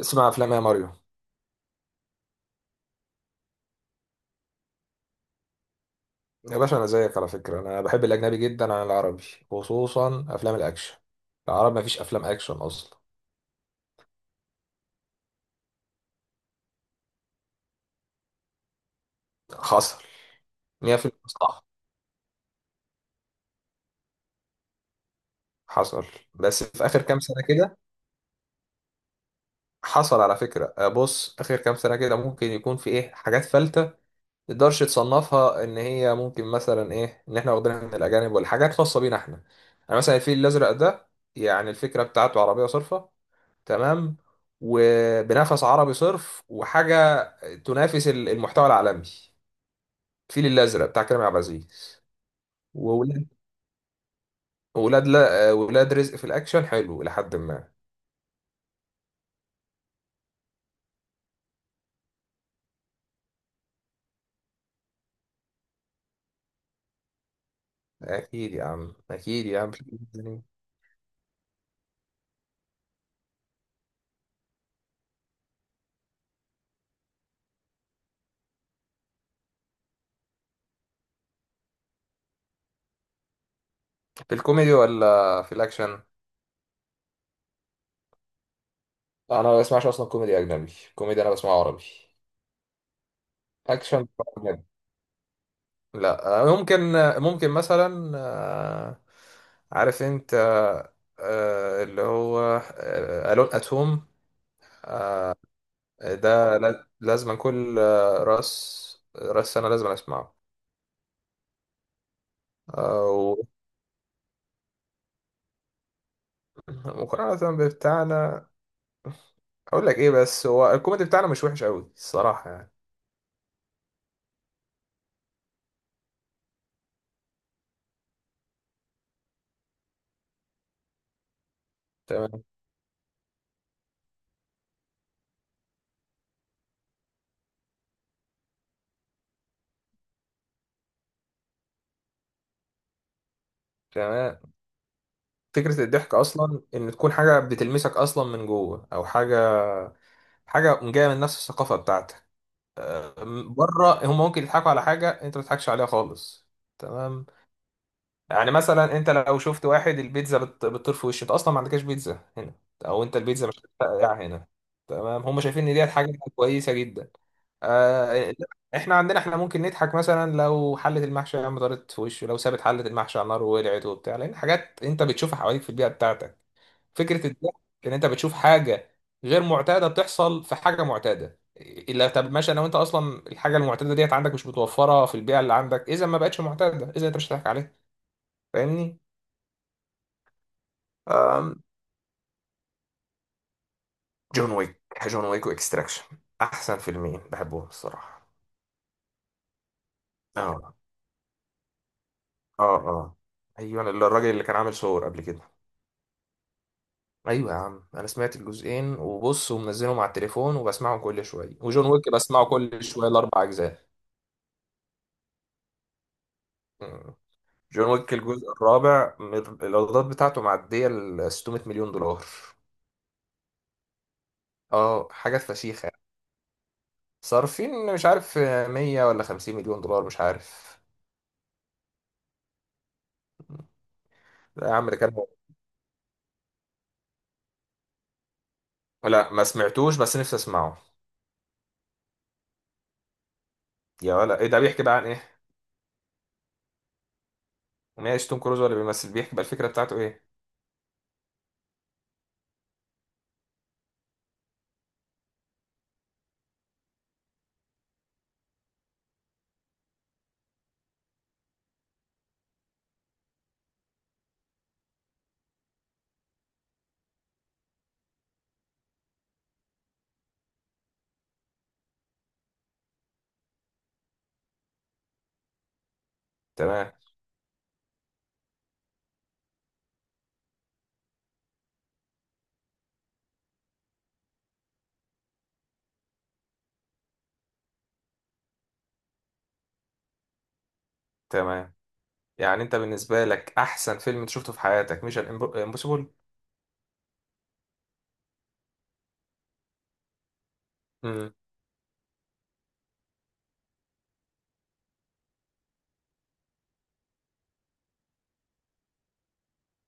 اسمع افلام يا ماريو. يا باشا انا زيك على فكره، انا بحب الاجنبي جدا عن العربي، خصوصا افلام الاكشن. العرب مفيش افلام اكشن اصلا. حصل. 100% صح. حصل بس في اخر كام سنه كده. حصل على فكره. بص اخر كام سنه كده ممكن يكون في ايه حاجات فلتة. تقدرش تصنفها ان هي ممكن مثلا ايه، ان احنا واخدينها من الاجانب ولا حاجات خاصه بينا احنا. انا مثلا الفيل الازرق ده، يعني الفكره بتاعته عربيه صرفه تمام، وبنفس عربي صرف وحاجه تنافس المحتوى العالمي، الفيل الازرق بتاع كريم عبد العزيز. وولاد، ولاد لا ولاد رزق في الاكشن حلو لحد ما. اكيد يا عم، اكيد يا عم. في الكوميدي ولا في الاكشن؟ انا ما بسمعش اصلا كوميدي اجنبي، كوميدي انا بسمعه عربي. اكشن. لا، ممكن، ممكن مثلا، عارف انت، اللي هو ألون أتوم. ده لازما كل راس سنة لازم أسمعه. أو مقارنة بتاعنا. أقول لك إيه، بس هو الكوميدي بتاعنا مش وحش أوي الصراحة يعني. تمام. تمام. فكرة الضحك أصلا إن تكون حاجة بتلمسك أصلا من جوه، أو حاجة، حاجة جاية من نفس الثقافة بتاعتك. بره هم ممكن يضحكوا على حاجه انت ما تضحكش عليها خالص. تمام. يعني مثلا انت لو شفت واحد البيتزا بتطير في وشه، انت اصلا ما عندكش بيتزا هنا، او انت البيتزا مش بتاع هنا. تمام، هم شايفين ان دي حاجه كويسه جدا. آه. احنا عندنا احنا ممكن نضحك، مثلا لو حله المحشي يا عم طارت في وشه، لو سابت حله المحشي على النار وولعت وبتاع، لان حاجات انت بتشوفها حواليك في البيئه بتاعتك. فكره الضحك ان انت بتشوف حاجه غير معتاده بتحصل في حاجه معتاده. الا طب ماشي، انا وانت اصلا الحاجه المعتاده ديت عندك مش متوفره في البيئه اللي عندك، اذا ما بقتش معتاده، اذا انت مش هتضحك عليها. فاهمني؟ جون ويك. جون ويك واكستراكشن، احسن فيلمين بحبهم الصراحه. اه. اه اه. ايوه، اللي الراجل اللي كان عامل صور قبل كده. ايوه يا عم، انا سمعت الجزئين وبص، ومنزلهم على التليفون وبسمعهم كل شويه، وجون ويك بسمعه كل شويه الاربع اجزاء. جون ويك الجزء الرابع الايرادات بتاعته معديه ال 600 مليون دولار. اه حاجات فشيخه يعني. صارفين مش عارف، 100 ولا 50 مليون دولار مش عارف. لا يا عم ده كان. لا ما سمعتوش بس نفسي اسمعه. يا ولا ايه، ده بيحكي بقى عن ايه؟ ماشي، توم كروز ولا بيمثل، بيحكي بقى الفكره بتاعته ايه؟ تمام. تمام. يعني انت بالنسبه لك احسن فيلم انت شفته في حياتك مش امبوسيبل؟ امم.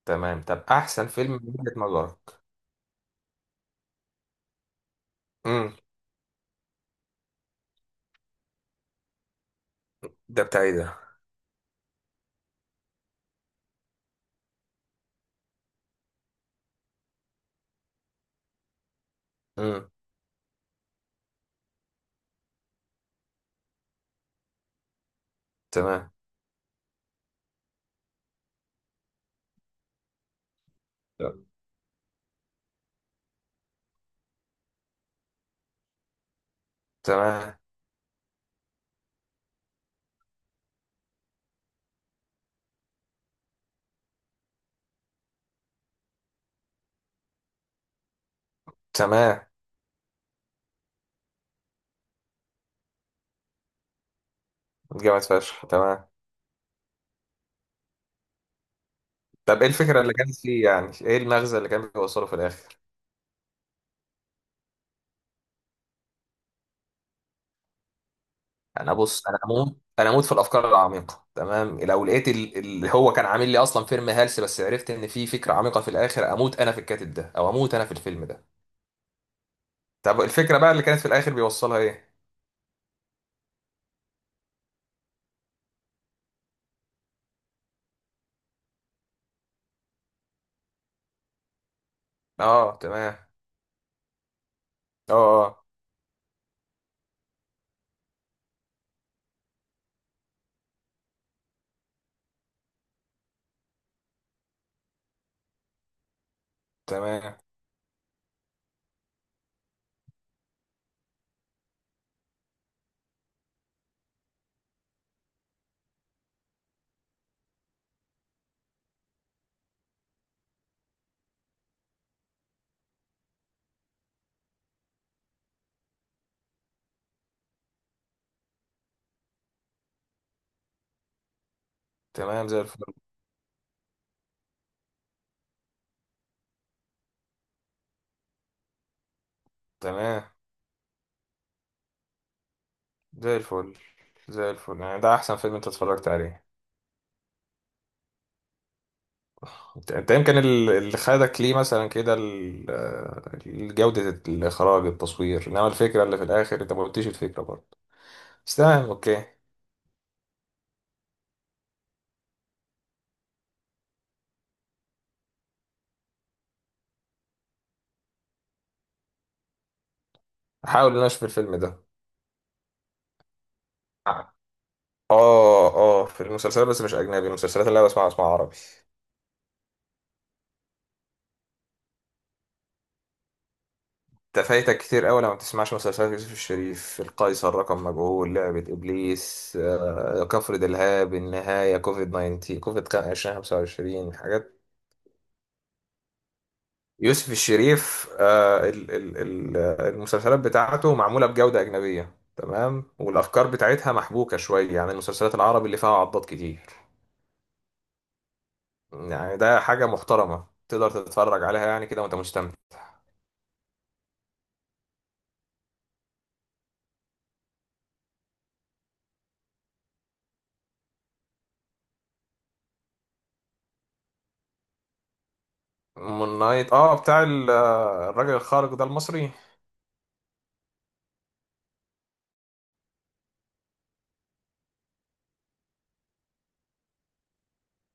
تمام طب احسن فيلم من وجهه نظرك. امم. ده بتاع ايه ده؟ امم. تمام. تمام. تمام. جامد فشخ. تمام طب ايه الفكره اللي، تمام كانت فيه يعني، ايه المغزى اللي كان بيوصله في الاخر؟ انا بص انا اموت، في الافكار العميقه. تمام. لو لقيت اللي هو كان عامل لي اصلا فيلم هلس، بس عرفت ان في فكره عميقه في الاخر، اموت انا في الكاتب ده او اموت انا في الفيلم ده. طب الفكره بقى اللي كانت في الاخر بيوصلها ايه؟ اه تمام. اه اه. تمام. تمام زي الفل. تمام زي الفل. زي الفل يعني، ده احسن فيلم انت اتفرجت عليه. انت انت يمكن اللي خدك ليه مثلا كده جودة الاخراج، التصوير، انما الفكرة اللي في الاخر انت ما قلتيش الفكرة برضه. بس تمام اوكي. هحاول ان انا اشوف الفيلم ده. اه اه في المسلسلات، بس مش اجنبي، المسلسلات اللي انا بسمعها بسمعها عربي. انت فايتك كتير قوي لما ما بتسمعش مسلسلات يوسف الشريف، القيصر، رقم مجهول، لعبة ابليس، كفر دلهاب، النهاية، كوفيد 19، كوفيد 2025، حاجات. يوسف الشريف، المسلسلات بتاعته معمولة بجودة أجنبية تمام، والأفكار بتاعتها محبوكة شوية عن المسلسلات العربي اللي فيها عضات كتير. يعني ده حاجة محترمة تقدر تتفرج عليها يعني كده وأنت مستمتع. مون نايت. اه بتاع الراجل الخارق ده المصري.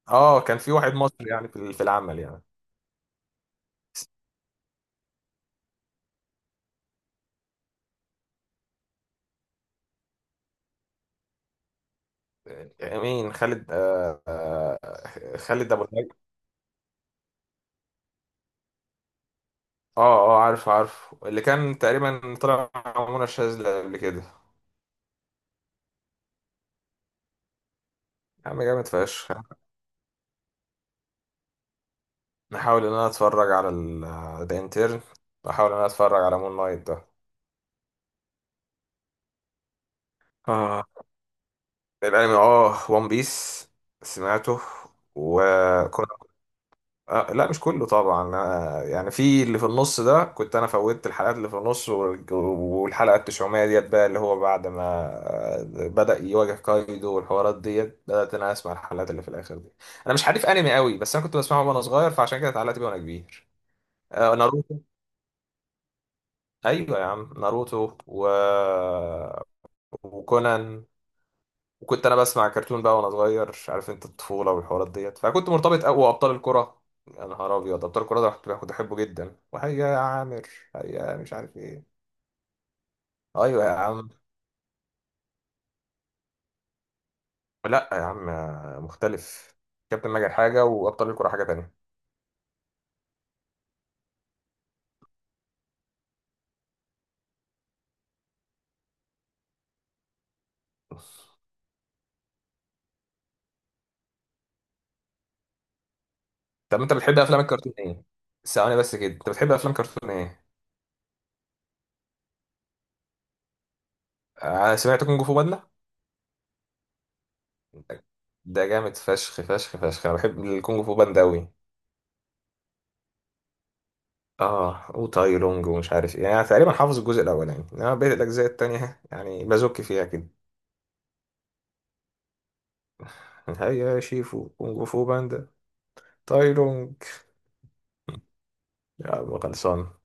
اه كان في واحد مصري يعني في العمل يعني. مين؟ خالد آه آه خالد ابو الهيثم. اه اه، عارف، عارف، اللي كان تقريبا طلع مع منى شاذلي قبل كده. يا عم جامد فشخ. نحاول ان انا اتفرج على ذا انترن، واحاول ان انا اتفرج على مون نايت ده. اه. الانمي اه، وان بيس سمعته، وكنت. آه لا مش كله طبعا، أنا يعني في اللي في النص ده كنت انا فوتت الحلقات اللي في النص والحلقه 900 ديت بقى اللي هو بعد ما بدأ يواجه كايدو والحوارات ديت، بدأت انا اسمع الحلقات اللي في الاخر دي. انا مش حريف انمي قوي بس انا كنت بسمعه وانا صغير، فعشان كده اتعلقت بيه وانا كبير. ناروتو. ايوه يا عم، ناروتو و... وكونان. وكنت انا بسمع كرتون بقى وانا صغير عارف انت، الطفوله والحوارات ديت فكنت مرتبط قوي، وابطال الكره، يا نهار ابيض. ابطال الكره ده كنت بحبه جدا، وهيا يا عامر، هيا مش عارف ايه. ايوه يا عم. لا يا عم، مختلف. كابتن ماجد حاجه وابطال الكره حاجه تانية. طب انت بتحب افلام الكرتون ايه؟ ثواني بس كده، انت بتحب افلام كرتون ايه؟ انا سمعت كونج فو باندا. ده جامد فشخ فشخ فشخ، انا بحب الكونج فو باندا قوي. اه وتاي لونج ومش عارف ايه، يعني أنا تقريبا حافظ الجزء الاولاني، انما بقيت الاجزاء التانية يعني بزك فيها كده. هيا يا شيفو كونغ فو باندا. تاي لونج. يا عم خلصان.